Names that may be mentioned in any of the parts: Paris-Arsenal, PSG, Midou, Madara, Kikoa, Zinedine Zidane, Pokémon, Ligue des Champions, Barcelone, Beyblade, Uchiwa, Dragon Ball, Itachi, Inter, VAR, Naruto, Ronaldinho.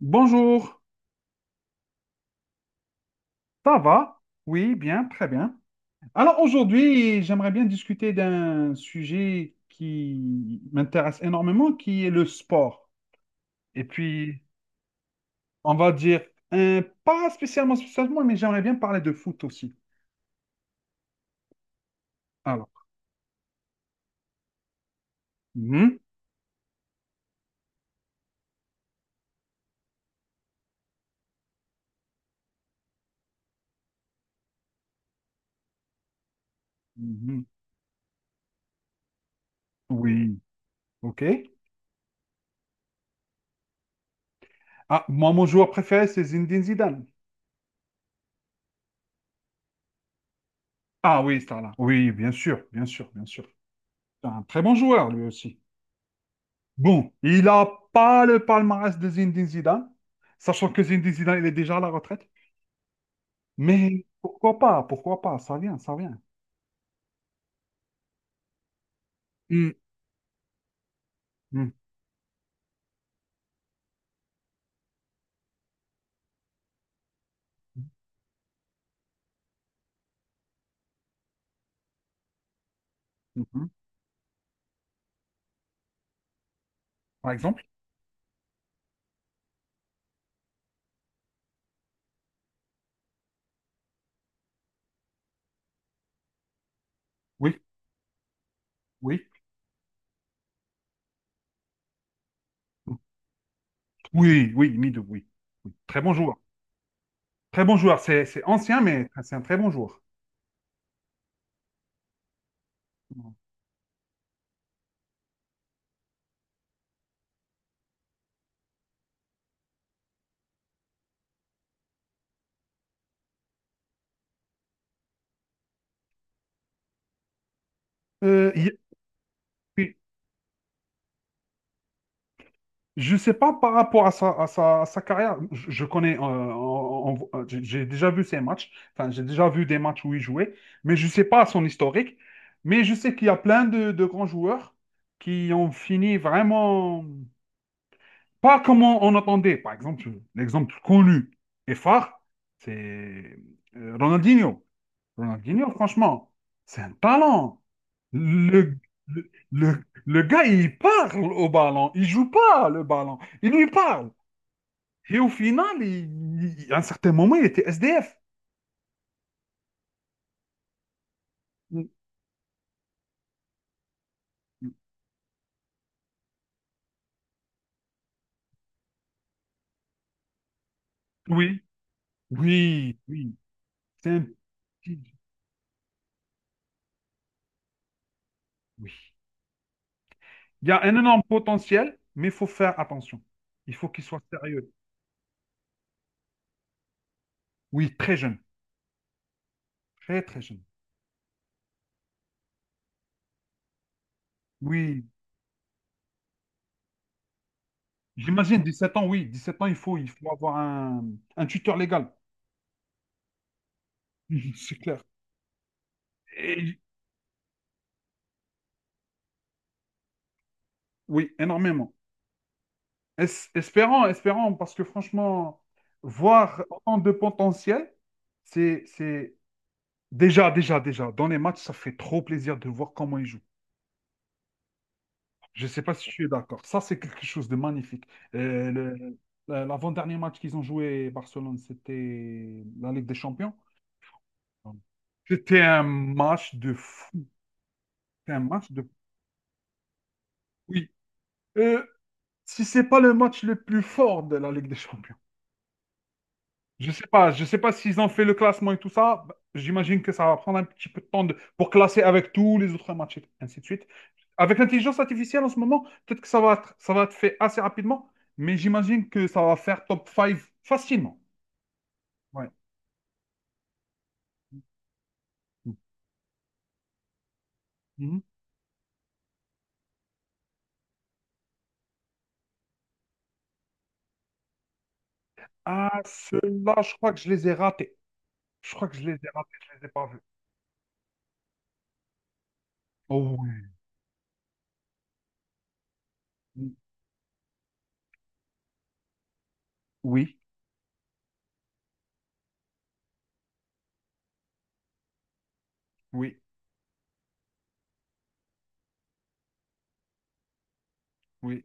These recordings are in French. Bonjour, ça va? Oui, bien, très bien. Alors aujourd'hui, j'aimerais bien discuter d'un sujet qui m'intéresse énormément, qui est le sport. Et puis, on va dire, pas spécialement, spécialement, mais j'aimerais bien parler de foot aussi. Alors, mhm, mhm, oui, ok. Ah, moi, mon joueur préféré, c'est Zinedine Zidane. Ah oui, là. Oui, bien sûr, bien sûr, bien sûr. C'est un très bon joueur, lui aussi. Bon, il n'a pas le palmarès de Zinedine Zidane, sachant que Zinedine Zidane, il est déjà à la retraite. Mais pourquoi pas, ça vient, ça vient. Hmm. Mhm, mhm. Par exemple? Oui, oui. Oui, oui, Midou, oui. Très bon joueur. Très bon joueur. C'est ancien, mais c'est un très bon joueur. Euh, il y a- Je sais pas par rapport à sa carrière. Je connais, j'ai déjà vu ses matchs. Enfin, j'ai déjà vu des matchs où il jouait, mais je sais pas son historique. Mais je sais qu'il y a plein de grands joueurs qui ont fini vraiment pas comme on attendait. Par exemple, l'exemple connu et phare, c'est Ronaldinho. Ronaldinho, franchement, c'est un talent. Le, le gars, il parle au ballon. Il joue pas le ballon. Il lui parle. Et au final, à un certain moment, il était SDF. Oui, oui, oui. C'est un petit- oui. Il y a un énorme potentiel, mais il faut faire attention. Il faut qu'il soit sérieux. Oui, très jeune. Très, très jeune. Oui. J'imagine 17 ans, oui. 17 ans, il faut avoir un tuteur légal. C'est clair. Et Oui, énormément. Espérons, espérons, parce que franchement, voir autant de potentiel, c'est déjà, déjà, déjà, dans les matchs, ça fait trop plaisir de voir comment ils jouent. Je ne sais pas si tu es d'accord. Ça, c'est quelque chose de magnifique. Euh, le- L'avant-dernier match qu'ils ont joué, Barcelone, c'était la Ligue des Champions. C'était un match de fou. C'était un match de... Oui. Euh, si c'est pas le match le plus fort de la Ligue des Champions. je sais pas s'ils ont fait le classement et tout ça. Bah, j'imagine que ça va prendre un petit peu de temps pour classer avec tous les autres matchs et ainsi de suite. Avec l'intelligence artificielle en ce moment, peut-être que ça va être fait assez rapidement, mais j'imagine que ça va faire top cinq facilement. Ouais. Mhm. Ah, ceux-là, je crois que je les ai ratés. Je crois que je les ai ratés, je les ai pas vus. Oh oui. Oui, oui, oui.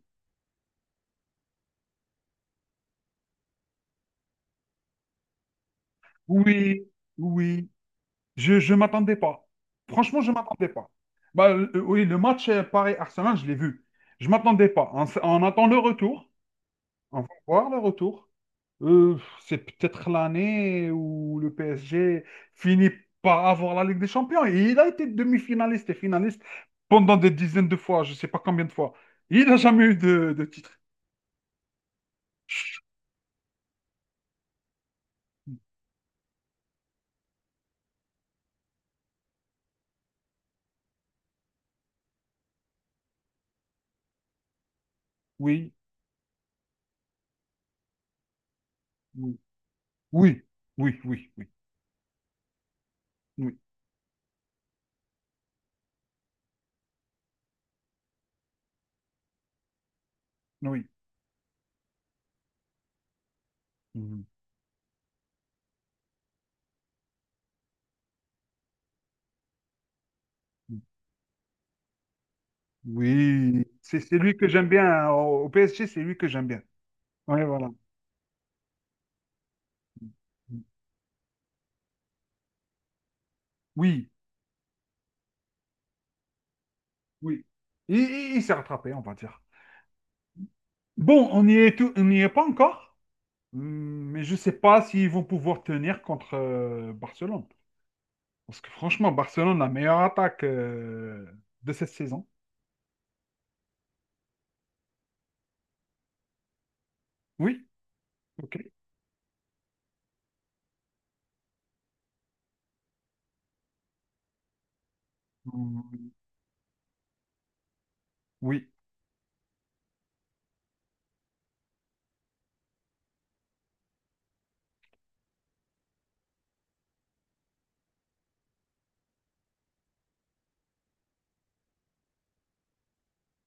Oui, oui. Je ne m'attendais pas. Franchement, je ne m'attendais pas. Bah, oui, le match Paris-Arsenal, je l'ai vu. Je ne m'attendais pas. On attend le retour. On va voir le retour. Euh, c'est peut-être l'année où le PSG finit par avoir la Ligue des Champions. Et il a été demi-finaliste et finaliste pendant des dizaines de fois, je ne sais pas combien de fois. Il n'a jamais eu de titre. Oui, oui, oui, oui, oui, oui, oui, oui. Mhm. Oui, c'est lui que j'aime bien. Hein. Au PSG, c'est lui que j'aime bien. Oui, voilà. Oui, oui. Il s'est rattrapé, on va dire. Bon, on n'y est pas encore. Mais je ne sais pas s'ils vont pouvoir tenir contre Barcelone. Parce que franchement, Barcelone, la meilleure attaque de cette saison. Oui, ok. Hum, Oui,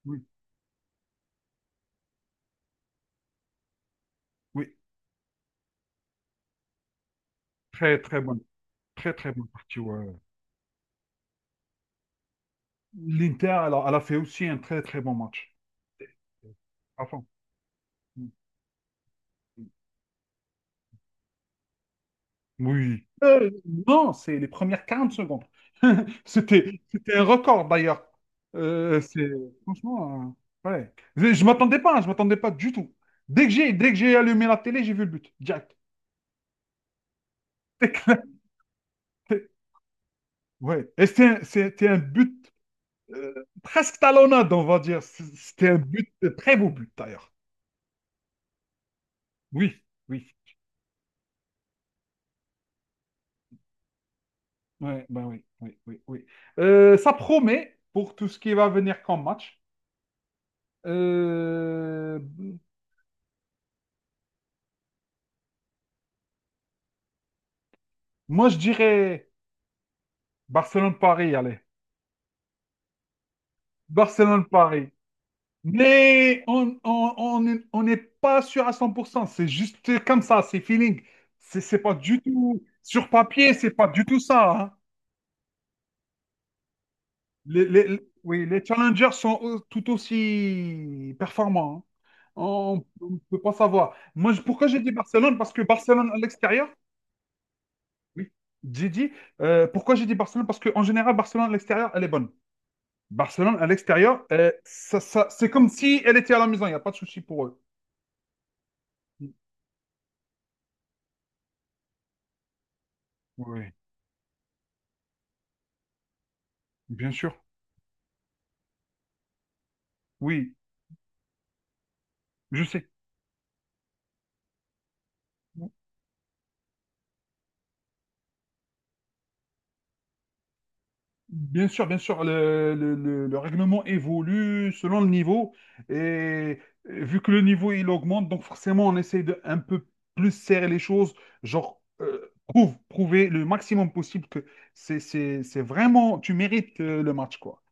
oui, oui. Très, très bonne. Très, très bonne partie. Ouais. L'Inter, elle a fait aussi un très, très bon match. À fond. Hmm. Oui. Non, c'est les premières 40 secondes. C'était un record d'ailleurs. C'est franchement, ouais. Je m'attendais pas, hein, je m'attendais pas du tout. Dès que j'ai allumé la télé, j'ai vu le but. Direct. Éclaté. Ouais. Et c'était un but presque talonnade, on va dire. C'était un but, un très beau but d'ailleurs. Oui, oui. Ouais, ben oui, oui, oui, oui. Ça promet pour tout ce qui va venir comme match. Euh, Moi, je dirais Barcelone-Paris, allez. Barcelone-Paris. Mais on n'est pas sûr à 100%. C'est juste comme ça, c'est feeling. C'est pas du tout. Sur papier, c'est pas du tout ça. Hein. Oui, les challengers sont tout aussi performants. Hein. On ne peut pas savoir. Moi, pourquoi j'ai dit Barcelone? Parce que Barcelone à l'extérieur, oui, j'ai dit. Pourquoi j'ai dit Barcelone? Parce qu'en général, Barcelone à l'extérieur, elle est bonne. Barcelone à l'extérieur, c'est comme si elle était à la maison, il n'y a pas de souci pour eux. Oui, bien sûr. Oui, je sais. Bien sûr, le règlement évolue selon le niveau. Et vu que le niveau il augmente, donc forcément on essaye de un peu plus serrer les choses, genre prouver le maximum possible que c'est vraiment, tu mérites le match, quoi.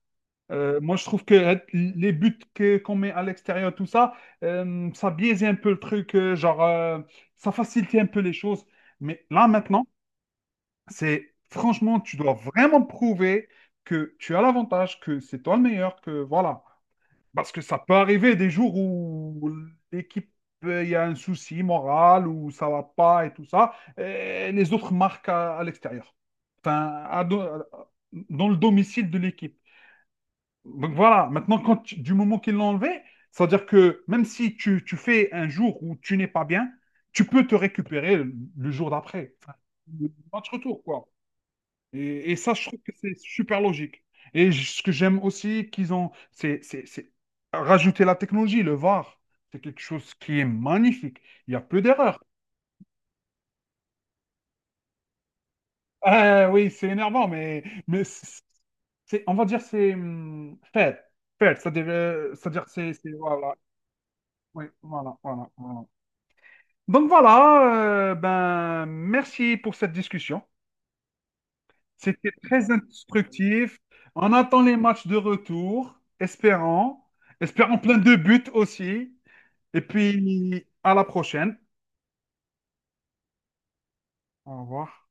Moi, je trouve que les buts qu'on met à l'extérieur, tout ça, ça biaisait un peu le truc, genre, ça facilitait un peu les choses. Mais là, maintenant, c'est franchement, tu dois vraiment prouver que tu as l'avantage, que c'est toi le meilleur, que voilà. Parce que ça peut arriver des jours où l'équipe, il y a un souci moral, où ça va pas et tout ça, et les autres marquent à l'extérieur. Enfin, dans le domicile de l'équipe. Donc voilà, maintenant, quand du moment qu'ils l'ont enlevé, c'est-à-dire que même si tu fais un jour où tu n'es pas bien, tu peux te récupérer le jour d'après. Enfin, le match retour, quoi. Et ça, je trouve que c'est super logique. Et ce que j'aime aussi qu'ils ont, c'est rajouter la technologie, le VAR. C'est quelque chose qui est magnifique. Il n'y a plus d'erreurs. Ah oui, c'est énervant, mais, on va dire c'est fait. Fait, ça à dire c'est-à-dire Voilà. Oui, voilà, voilà, voilà. Donc voilà, ben, merci pour cette discussion. C'était très instructif. On attend les matchs de retour, espérons. Espérons plein de buts aussi. Et puis, à la prochaine. Au revoir.